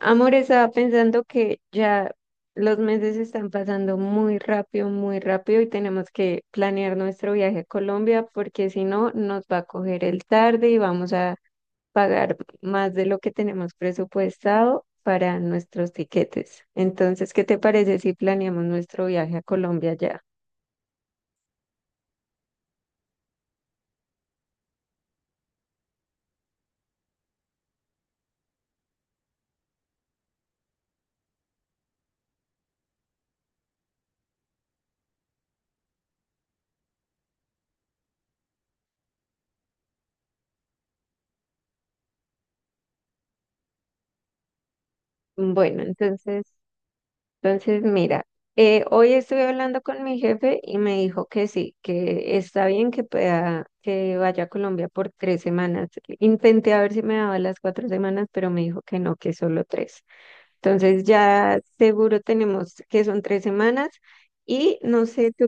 Amor, estaba pensando que ya los meses están pasando muy rápido y tenemos que planear nuestro viaje a Colombia porque si no nos va a coger el tarde y vamos a pagar más de lo que tenemos presupuestado para nuestros tiquetes. Entonces, ¿qué te parece si planeamos nuestro viaje a Colombia ya? Bueno, entonces. Entonces, mira, hoy estuve hablando con mi jefe y me dijo que sí, que está bien que pueda, que vaya a Colombia por 3 semanas. Intenté a ver si me daba las 4 semanas, pero me dijo que no, que solo tres. Entonces ya seguro tenemos que son 3 semanas y no sé tú.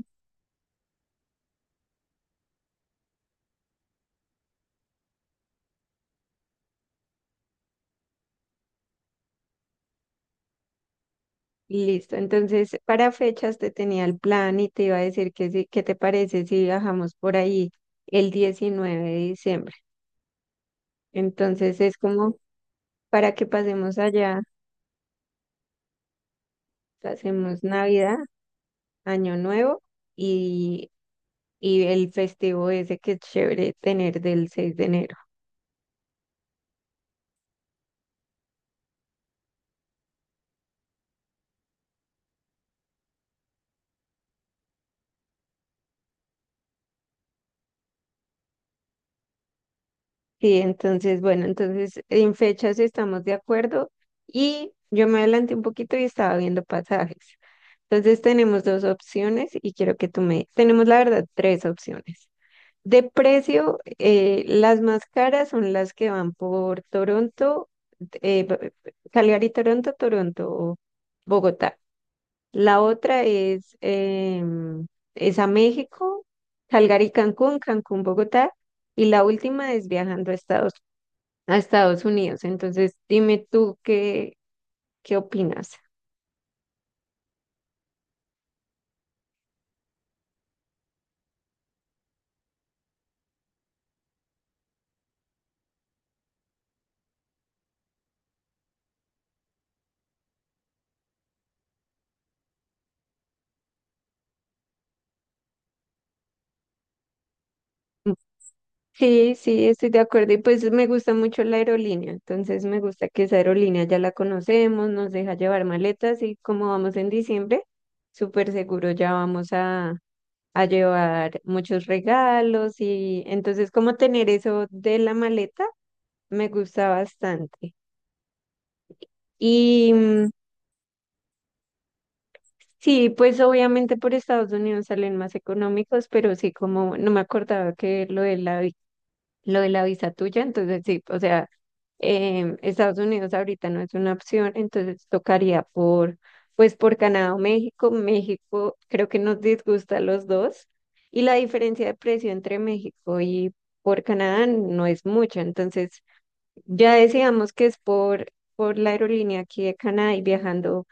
Listo, entonces para fechas te tenía el plan y te iba a decir que sí, ¿qué te parece si viajamos por ahí el 19 de diciembre? Entonces es como para que pasemos allá. Hacemos Navidad, Año Nuevo y, y el festivo ese que es chévere tener del 6 de enero. Sí, entonces, bueno, entonces en fechas estamos de acuerdo y yo me adelanté un poquito y estaba viendo pasajes. Entonces tenemos dos opciones y quiero que tú me. Tenemos la verdad tres opciones. De precio, las más caras son las que van por Toronto, eh, Calgary, Toronto, Toronto, Bogotá. La otra es, es a México, Calgary, Cancún, Cancún, Bogotá. Y la última es viajando a Estados Unidos. Entonces, dime tú qué opinas. Sí, sí, estoy de acuerdo. Y pues me gusta mucho la aerolínea. Entonces, me gusta que esa aerolínea ya la conocemos, nos deja llevar maletas y como vamos en diciembre, súper seguro ya vamos a llevar muchos regalos. Y entonces, como tener eso de la maleta me gusta bastante. Y sí, pues obviamente por Estados Unidos salen más económicos, pero sí, como no me acordaba que lo de la, lo de la visa tuya, entonces sí, o sea, Estados Unidos ahorita no es una opción, entonces tocaría pues por Canadá o México. México creo que nos disgusta a los dos y la diferencia de precio entre México y por Canadá no es mucha, entonces ya decíamos que es por la aerolínea aquí de Canadá y viajando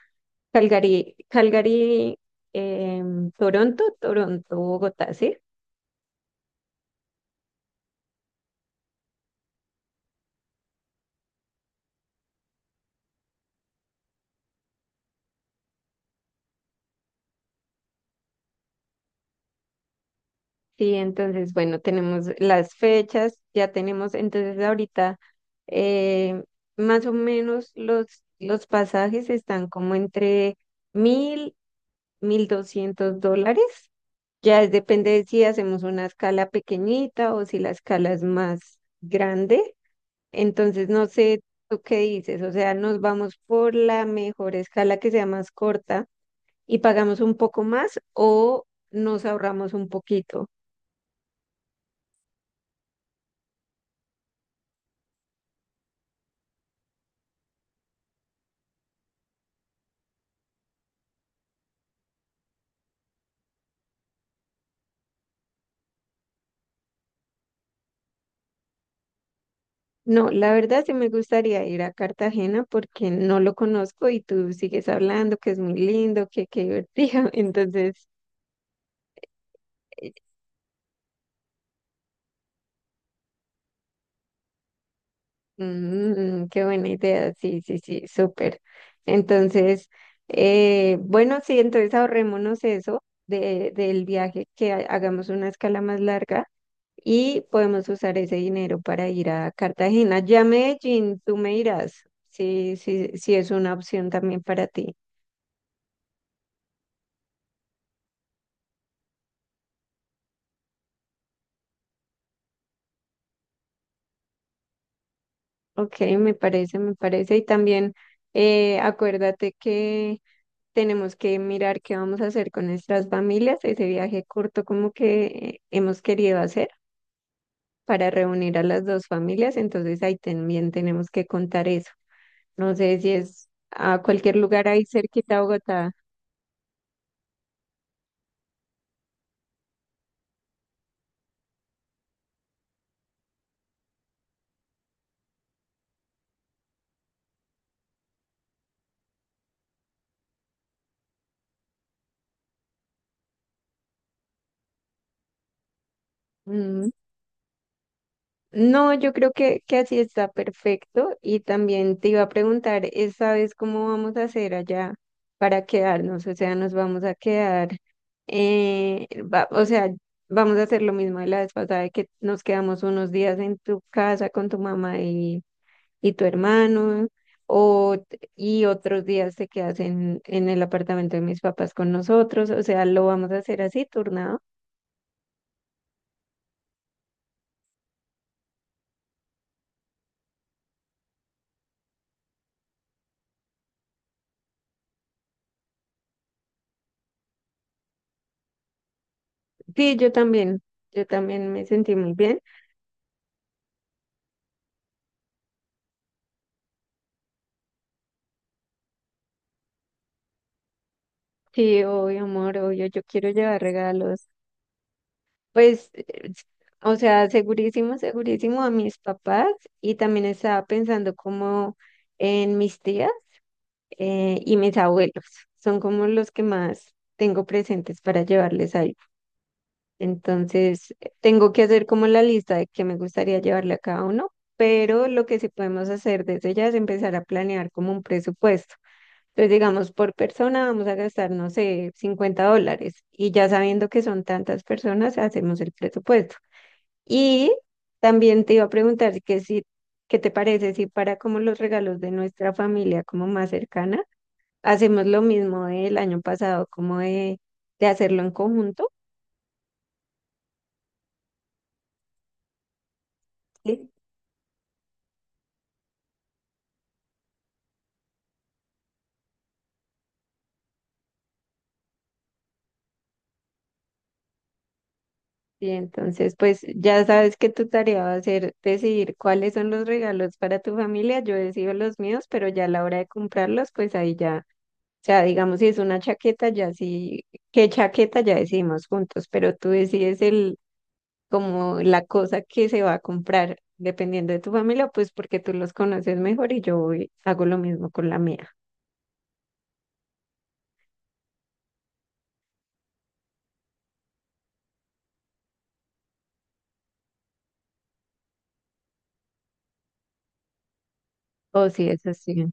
Calgary, Toronto, Toronto, Bogotá, ¿sí? Sí, entonces, bueno, tenemos las fechas, ya tenemos, entonces ahorita eh, más o menos los pasajes están como entre mil, $1.200. Ya depende de si hacemos una escala pequeñita o si la escala es más grande. Entonces, no sé tú qué dices, o sea, nos vamos por la mejor escala que sea más corta y pagamos un poco más o nos ahorramos un poquito. No, la verdad sí me gustaría ir a Cartagena porque no lo conozco y tú sigues hablando que es muy lindo, que qué divertido. Entonces, eh, qué buena idea. Sí, sí, sí, súper. Entonces, bueno, sí, entonces ahorrémonos eso del viaje, que hagamos una escala más larga y podemos usar ese dinero para ir a Cartagena. Ya Medellín, tú me dirás si es una opción también para ti. Ok, me parece, me parece. Y también acuérdate que tenemos que mirar qué vamos a hacer con nuestras familias, ese viaje corto como que hemos querido hacer para reunir a las dos familias, entonces ahí también tenemos que contar eso. No sé si es a cualquier lugar ahí cerquita a Bogotá. mm, No, yo creo que así está perfecto. Y también te iba a preguntar, ¿esta vez cómo vamos a hacer allá para quedarnos? O sea, nos vamos a quedar, o sea, vamos a hacer lo mismo de la vez pasada, de que nos quedamos unos días en tu casa con tu mamá y tu hermano, o, y otros días te quedas en el apartamento de mis papás con nosotros. O sea, lo vamos a hacer así, turnado. Sí, yo también me sentí muy bien. Sí, obvio, amor, obvio, yo quiero llevar regalos. Pues, o sea, segurísimo, segurísimo a mis papás y también estaba pensando como en mis tías y mis abuelos. Son como los que más tengo presentes para llevarles algo. Entonces, tengo que hacer como la lista de que me gustaría llevarle a cada uno, pero lo que sí podemos hacer desde ya es empezar a planear como un presupuesto. Entonces, digamos, por persona vamos a gastar, no sé, $50 y ya sabiendo que son tantas personas, hacemos el presupuesto. Y también te iba a preguntar que si, ¿qué te parece si para como los regalos de nuestra familia como más cercana, hacemos lo mismo del año pasado, como de hacerlo en conjunto? ¿Sí? Y entonces, pues ya sabes que tu tarea va a ser decidir cuáles son los regalos para tu familia. Yo decido los míos, pero ya a la hora de comprarlos, pues ahí ya. O sea, digamos, si es una chaqueta, ya sí, qué chaqueta ya decimos juntos, pero tú decides el, como la cosa que se va a comprar, dependiendo de tu familia, pues porque tú los conoces mejor y yo hago lo mismo con la mía. Oh, sí, es así.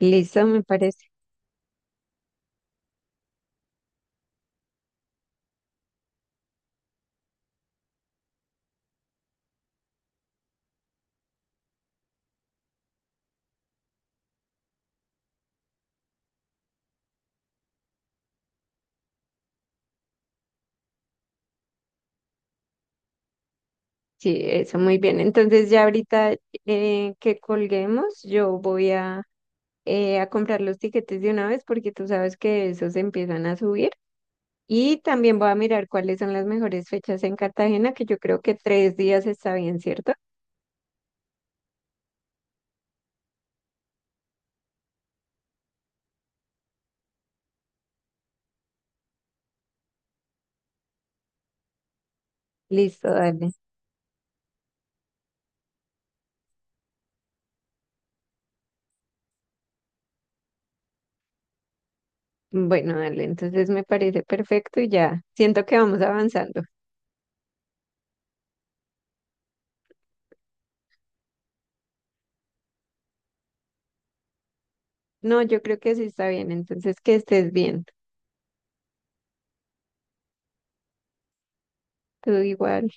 Listo, me parece. Sí, eso muy bien. Entonces ya ahorita que colguemos, yo voy a comprar los tiquetes de una vez porque tú sabes que esos empiezan a subir. Y también voy a mirar cuáles son las mejores fechas en Cartagena, que yo creo que 3 días está bien, ¿cierto? Listo, dale. Bueno, dale, entonces me parece perfecto y ya siento que vamos avanzando. No, yo creo que sí está bien, entonces que estés bien. Tú igual.